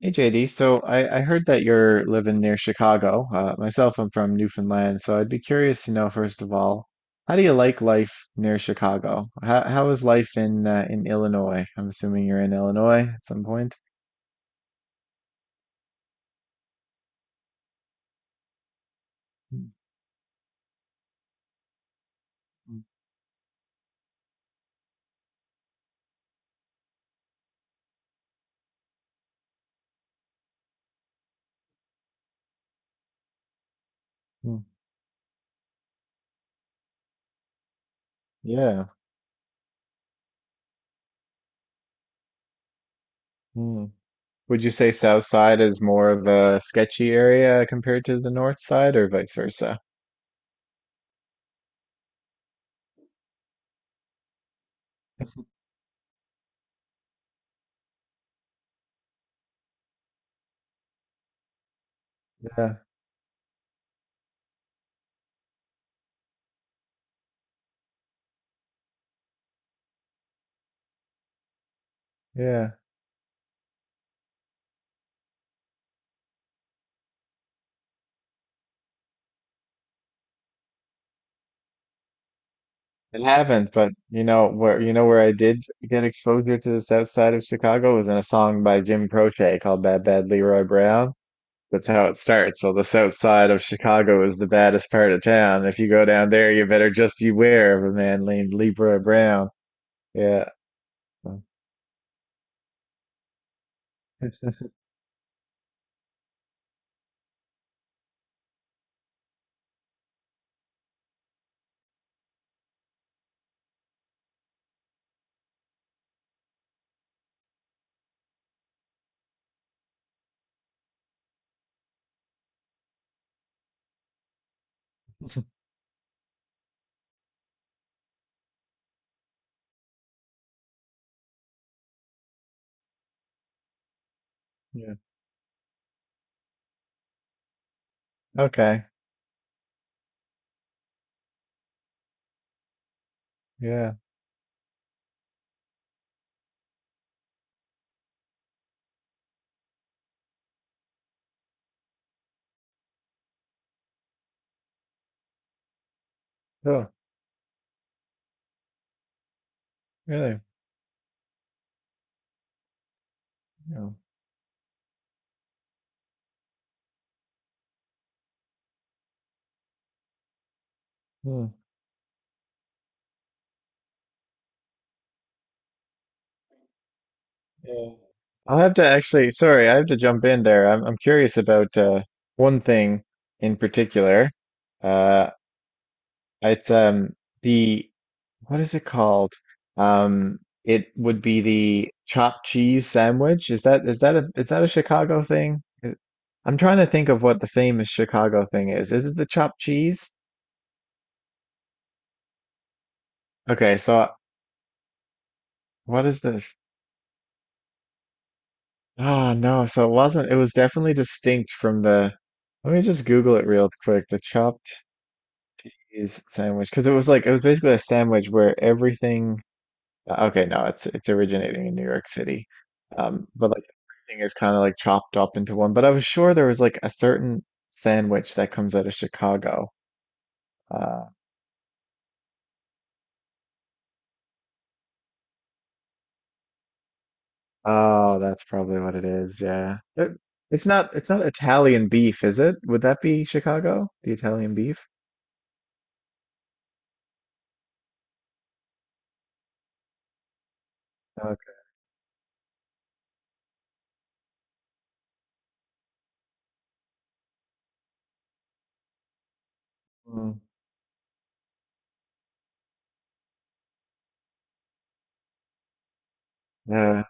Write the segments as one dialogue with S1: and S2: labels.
S1: Hey JD, so I heard that you're living near Chicago. Myself, I'm from Newfoundland, so I'd be curious to know first of all, how do you like life near Chicago? How is life in Illinois? I'm assuming you're in Illinois at some point. Mm, mm, mm. Yeah. Mm. Would you say South Side is more of a sketchy area compared to the North Side, or vice versa? Yeah. Yeah. It haven't, but you know where I did get exposure to the South Side of Chicago was in a song by Jim Croce called "Bad Bad Leroy Brown." That's how it starts. So the South Side of Chicago is the baddest part of town. If you go down there, you better just beware of a man named Leroy Brown. Yeah. So- Yeah. Okay. Yeah. Oh, really? Yeah. Hmm. Yeah. I'll have to actually, sorry, I have to jump in there. I'm curious about one thing in particular. Uh, It's the What is it called? Um, it would be the chopped cheese sandwich. Is that a Chicago thing? I'm trying to think of what the famous Chicago thing is. Is it the chopped cheese? Okay, so what is this? Ah, no. So it wasn't. It was definitely distinct from the. Let me just Google it real quick. The chopped cheese sandwich, because it was like it was basically a sandwich where everything. Okay, no, it's originating in New York City. But like everything is kind of like chopped up into one. But I was sure there was like a certain sandwich that comes out of Chicago. Uh, oh, that's probably what it is. Yeah. It's not Italian beef, is it? Would that be Chicago? The Italian beef? Okay. Mm. Yeah.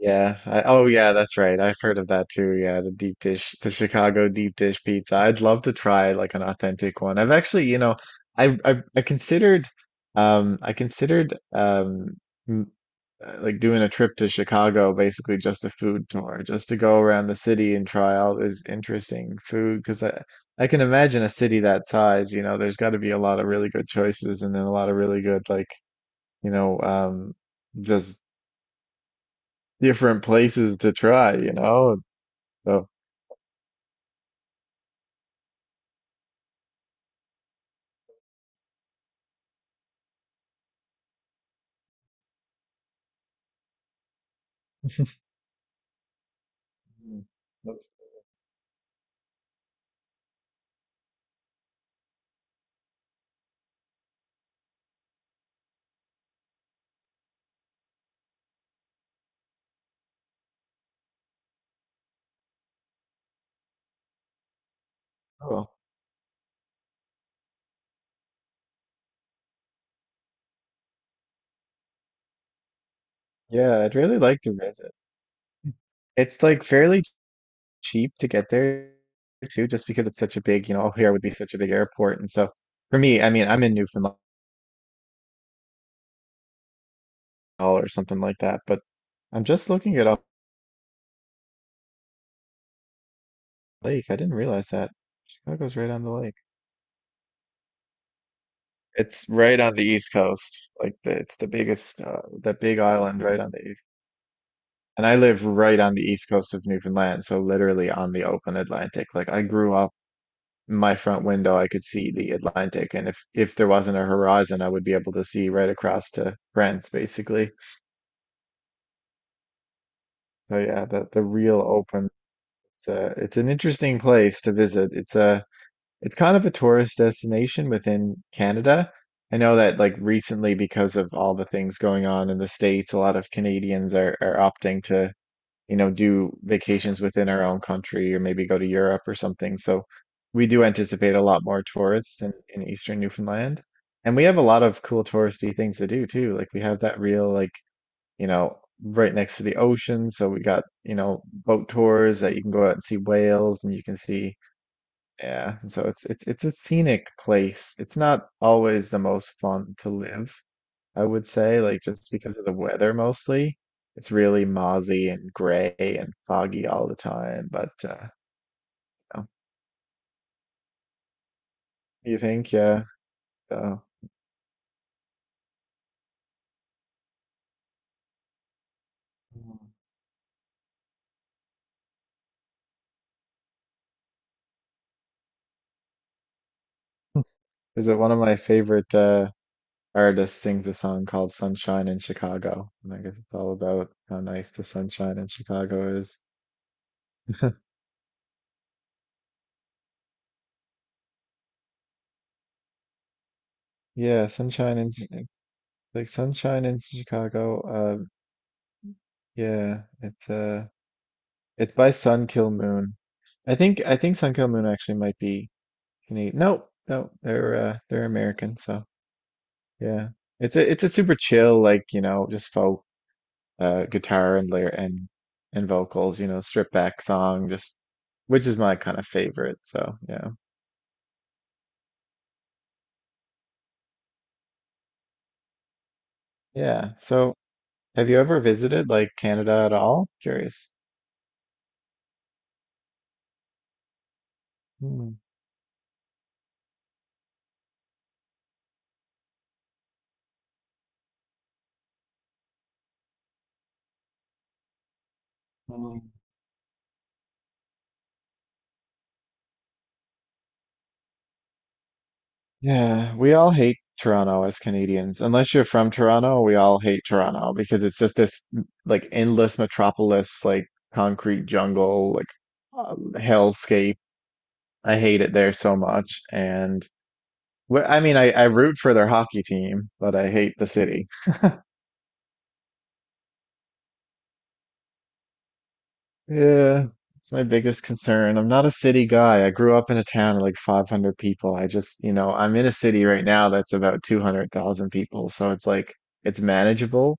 S1: Yeah. I, oh, yeah, that's right. I've heard of that too. Yeah, the deep dish, the Chicago deep dish pizza. I'd love to try like an authentic one. I've actually, you know, I I, I considered, I considered, m- like doing a trip to Chicago, basically just a food tour, just to go around the city and try all this interesting food. Because I can imagine a city that size, you know, there's got to be a lot of really good choices, and then a lot of really good like, you know, just different places to try, you know? So mm, that's cool. Yeah, I'd really like to visit. It's like fairly cheap to get there too, just because it's such a big, you know, here would be such a big airport. And so for me, I mean, I'm in Newfoundland or something like that, but I'm just looking at a lake. I didn't realize that. Chicago's right on the lake. It's right on the East Coast. Like the, it's the biggest, the big island right on the East. And I live right on the East Coast of Newfoundland, so literally on the open Atlantic. Like I grew up my front window, I could see the Atlantic, and if there wasn't a horizon, I would be able to see right across to France, basically. So yeah, the real open. It's an interesting place to visit. It's kind of a tourist destination within Canada. I know that like recently, because of all the things going on in the States, a lot of Canadians are opting to you know, do vacations within our own country or maybe go to Europe or something. So we do anticipate a lot more tourists in Eastern Newfoundland. And we have a lot of cool touristy things to do too. Like we have that real, like, you know, right next to the ocean. So we got, you know, boat tours that you can go out and see whales and you can see, yeah. And so it's a scenic place. It's not always the most fun to live, I would say, like just because of the weather mostly. It's really mozzy and gray and foggy all the time. But you you think, yeah. So, is it one of my favorite artists sings a song called "Sunshine in Chicago," and I guess it's all about how nice the sunshine in Chicago is. Yeah, like sunshine in Chicago. Uh, yeah, it's by Sun Kill Moon. I think Sun Kill Moon actually might be Canadian. Nope, nope. They're American. So yeah, it's a super chill, like you know, just folk guitar and layer and vocals. You know, stripped back song, just which is my kind of favorite. So yeah, yeah. So have you ever visited like Canada at all? Curious. Hmm. Yeah, we all hate Toronto as Canadians. Unless you're from Toronto, we all hate Toronto because it's just like endless metropolis, like concrete jungle, like hellscape. I hate it there so much. And I mean, I root for their hockey team, but I hate the city. Yeah, it's my biggest concern. I'm not a city guy. I grew up in a town of like 500 people. I just, you know, I'm in a city right now that's about 200,000 people. So it's like, it's manageable.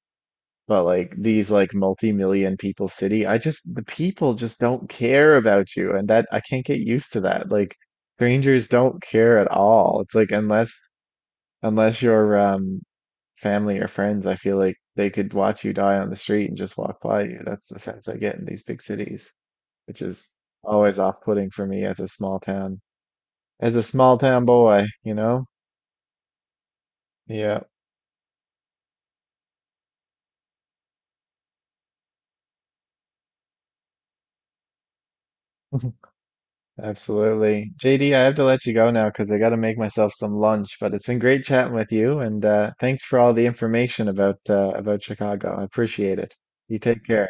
S1: But like these like multi-million people city, I just the people just don't care about you and that I can't get used to that. Like strangers don't care at all. It's like unless Unless you're family or friends, I feel like they could watch you die on the street and just walk by you. That's the sense I get in these big cities, which is always off-putting for me as a small town boy, you know? Yeah. Absolutely. JD, I have to let you go now because I got to make myself some lunch, but it's been great chatting with you and thanks for all the information about Chicago. I appreciate it. You take care.